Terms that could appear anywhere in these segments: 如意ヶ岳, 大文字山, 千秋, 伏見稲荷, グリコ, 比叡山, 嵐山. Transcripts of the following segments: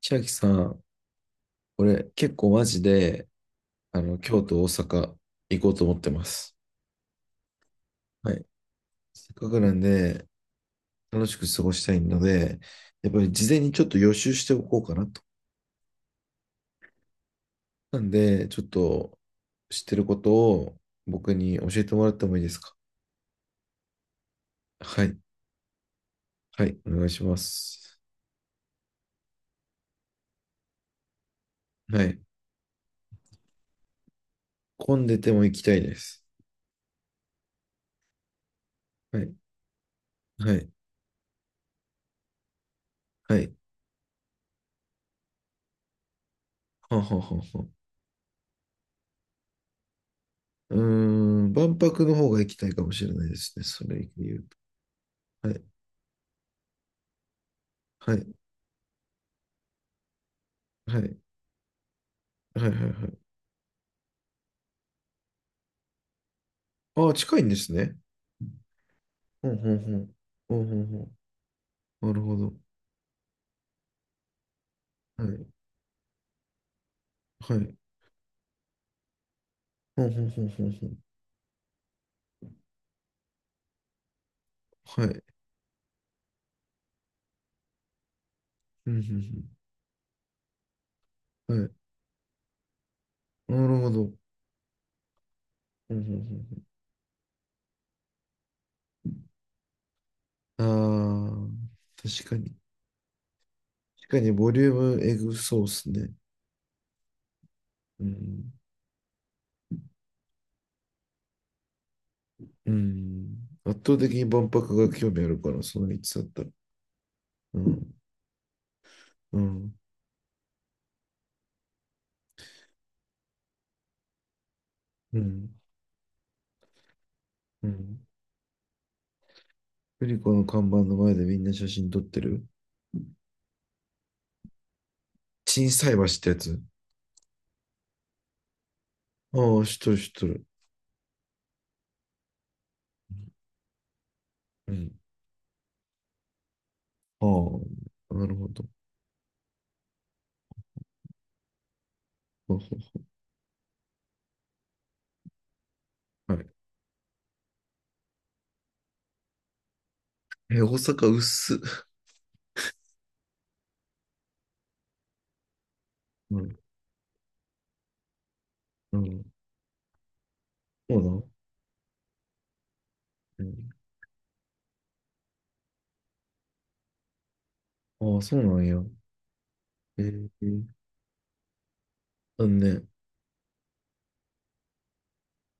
千秋さん、俺結構マジで、京都、大阪行こうと思ってます。はい。せっかくなんで、楽しく過ごしたいので、やっぱり事前にちょっと予習しておこうかなと。なんで、ちょっと知ってることを僕に教えてもらってもいいですか？はい。はい。お願いします。はい。混んでても行きたいです。はい。はい。はい。はんはんはんはん。うーん、万博の方が行きたいかもしれないですね。それで言うと。はい。はい。はい。はいはいはい。ああ、近いんですね。ほんほんほん。ほんほんほん。なるほど。はい。はい。ほんほんほんほんほん。はい。うんうんうん。はい。なるほど。うんうんうん。ああ、確かに。確かにボリュームエグそうスすね。うん。うん。圧倒的に万博が興味あるから、その3つだったら。うん。うん。うん。うん。グリコの看板の前でみんな写真撮ってる。小さい橋ってやつ。ああ、知っとる知っとる。うん。ああ、なるほど。ほうほうはい。え、大阪薄っ。うん、うん。そうなんうん。ああ、そうなんや。えー、残念。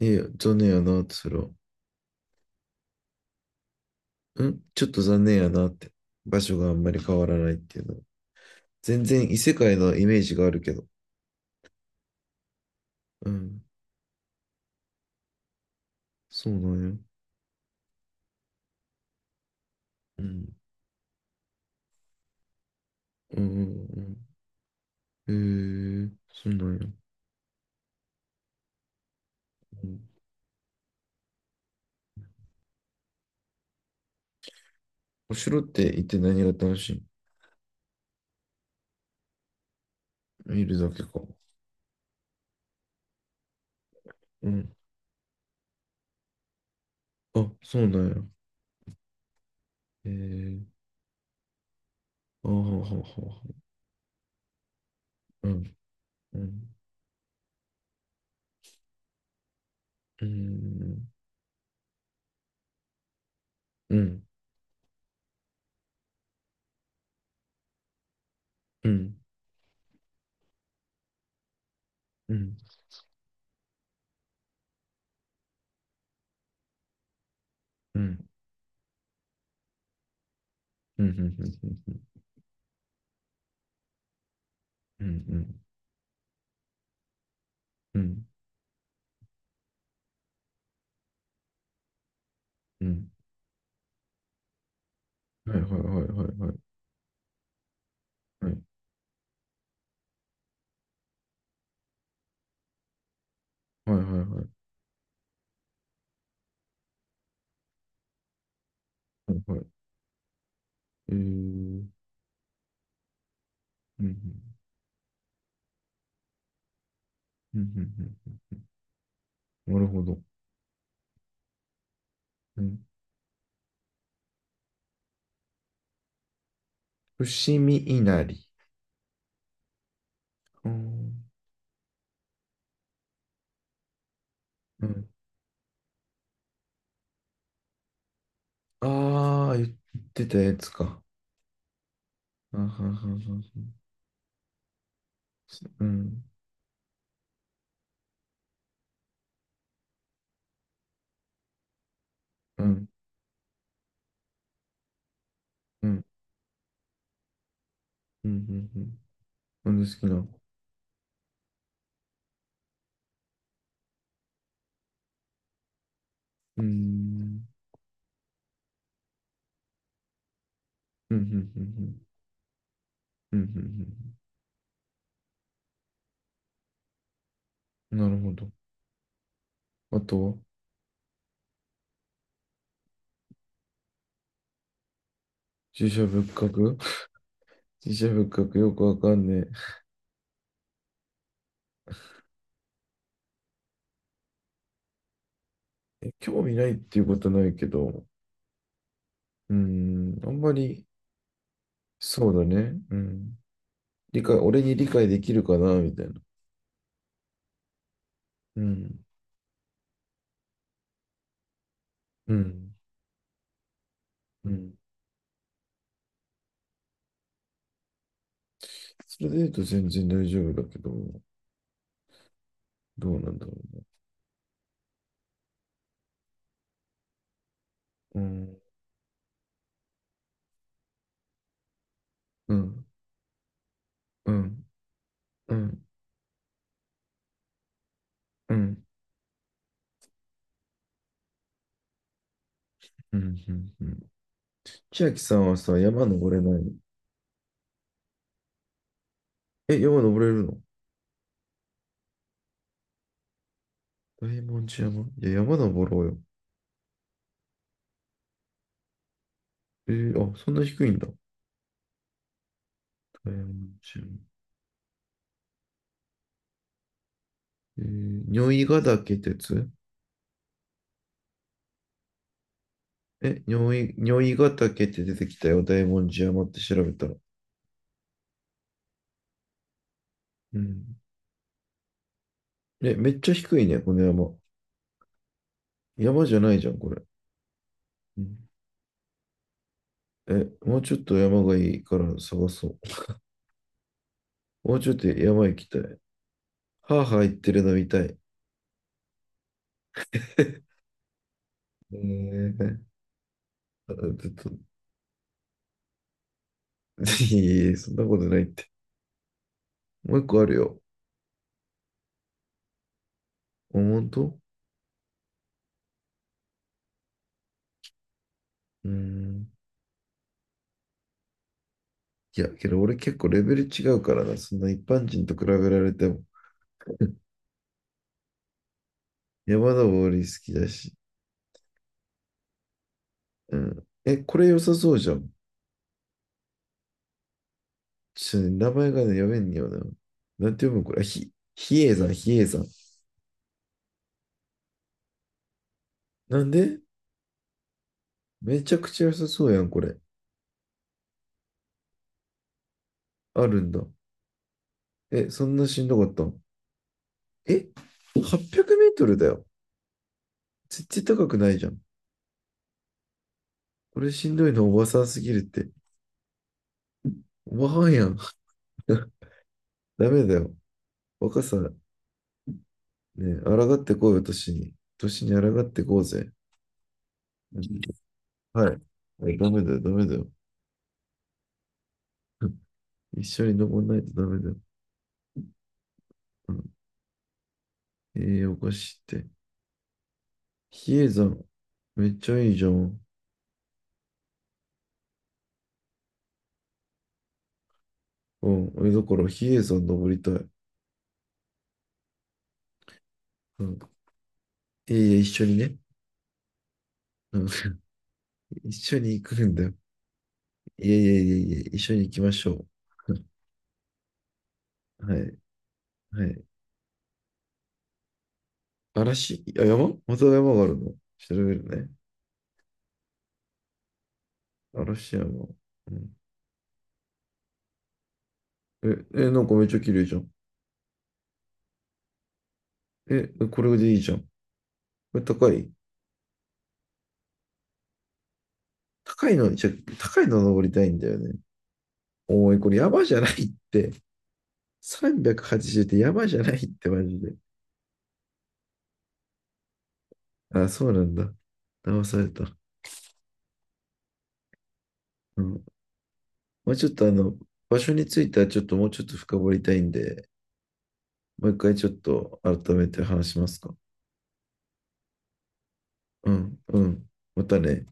いや、残念やなって、それは。ちょっと残念やなって。場所があんまり変わらないっていうのは。全然異世界のイメージがあるけど。うん。そうなんや。うん。うん、うん、うん。えー、そうなんや。うん。お城って行って何が楽しい？見るだけか。うん。あ、そうなんや。えー、あははははうん、うん、うん、うん、うん、うん、うん、うん、うん、うん、うん、うん、うん、うんはいはいはいはいはいはい、はいはいはいはいはい、えー、うん、うん、うん、うん、なるほど。うん、伏見稲荷。うん、うん。ああ、言ってたやつか。あはははは。うん、うん、うん、うん、うん、うん。なんで好きな？うん、うん、うん、うん、うん、うん、うん。なるほど。あと、自社仏閣 自社仏閣よくわかんねえ。え、興味ないっていうことないけど、うん、あんまり、そうだね。うん。理解、俺に理解できるかな、みたいな。うん、うん、うん。それで言うと全然大丈夫だけど、どうなんだろうな。うん、うん、うん、うん、うん、うん、うんうん。千秋さんはさ、山登れないの？え、山登れるの？大文字山、いや、山登ろうよ。えーあ、そんな低いんだ。えー、えー、如意ヶ岳鉄え、如意ヶ岳って出てきたよ。大文字山って調べたら。うん。え、めっちゃ低いね、この山。山じゃないじゃん、これ。うん。え、もうちょっと山がいいから探そう。もうちょっと山行きたい。はあはあ言ってるの見たい。えー、あちょっと、いえいえ、そんなことないって。もう一個あるよ。あ本当？うーん。いや、けど俺結構レベル違うからな。そんな一般人と比べられても。山登り好きだし。うん。え、これ良さそうじゃん。ちょっとね、名前がね、読めんよな。なんて読むこれ？比叡山、比叡山。なんで？めちゃくちゃ良さそうやん、これ。あるんだ。え、そんなしんどかったん？え、800メートルだよ。絶対高くないじゃん。これしんどいのおばさんすぎるって。おばはんやん。ダメだよ。若さ、ね、抗ってこいよ、年に。年に抗ってこうぜ。うんはい。はい、ダメだよ、ダメだよ。一緒に登らないとダメだよ。うん。ええおかしいって。比叡山、めっちゃいいじゃん。うん。え、だから比叡山登りたい。うん。いえいえ、一緒にね。うん。一緒に行くんだよ。いえいえいえいえ、一緒に行きましょう。はい。はい。あ、山また山があるの調べるね。嵐山。うん。え、え、なんかめっちゃ綺麗じゃん。え、これでいいじゃん。これ高い？高いの、じゃ、高いの登りたいんだよね。おい、これ山じゃないって。380ってやばいじゃないってマジで。あ、そうなんだ。騙された。うん。まあ、ちょっと場所についてはちょっともうちょっと深掘りたいんで、もう一回ちょっと改めて話しますか？うん、うん。またね。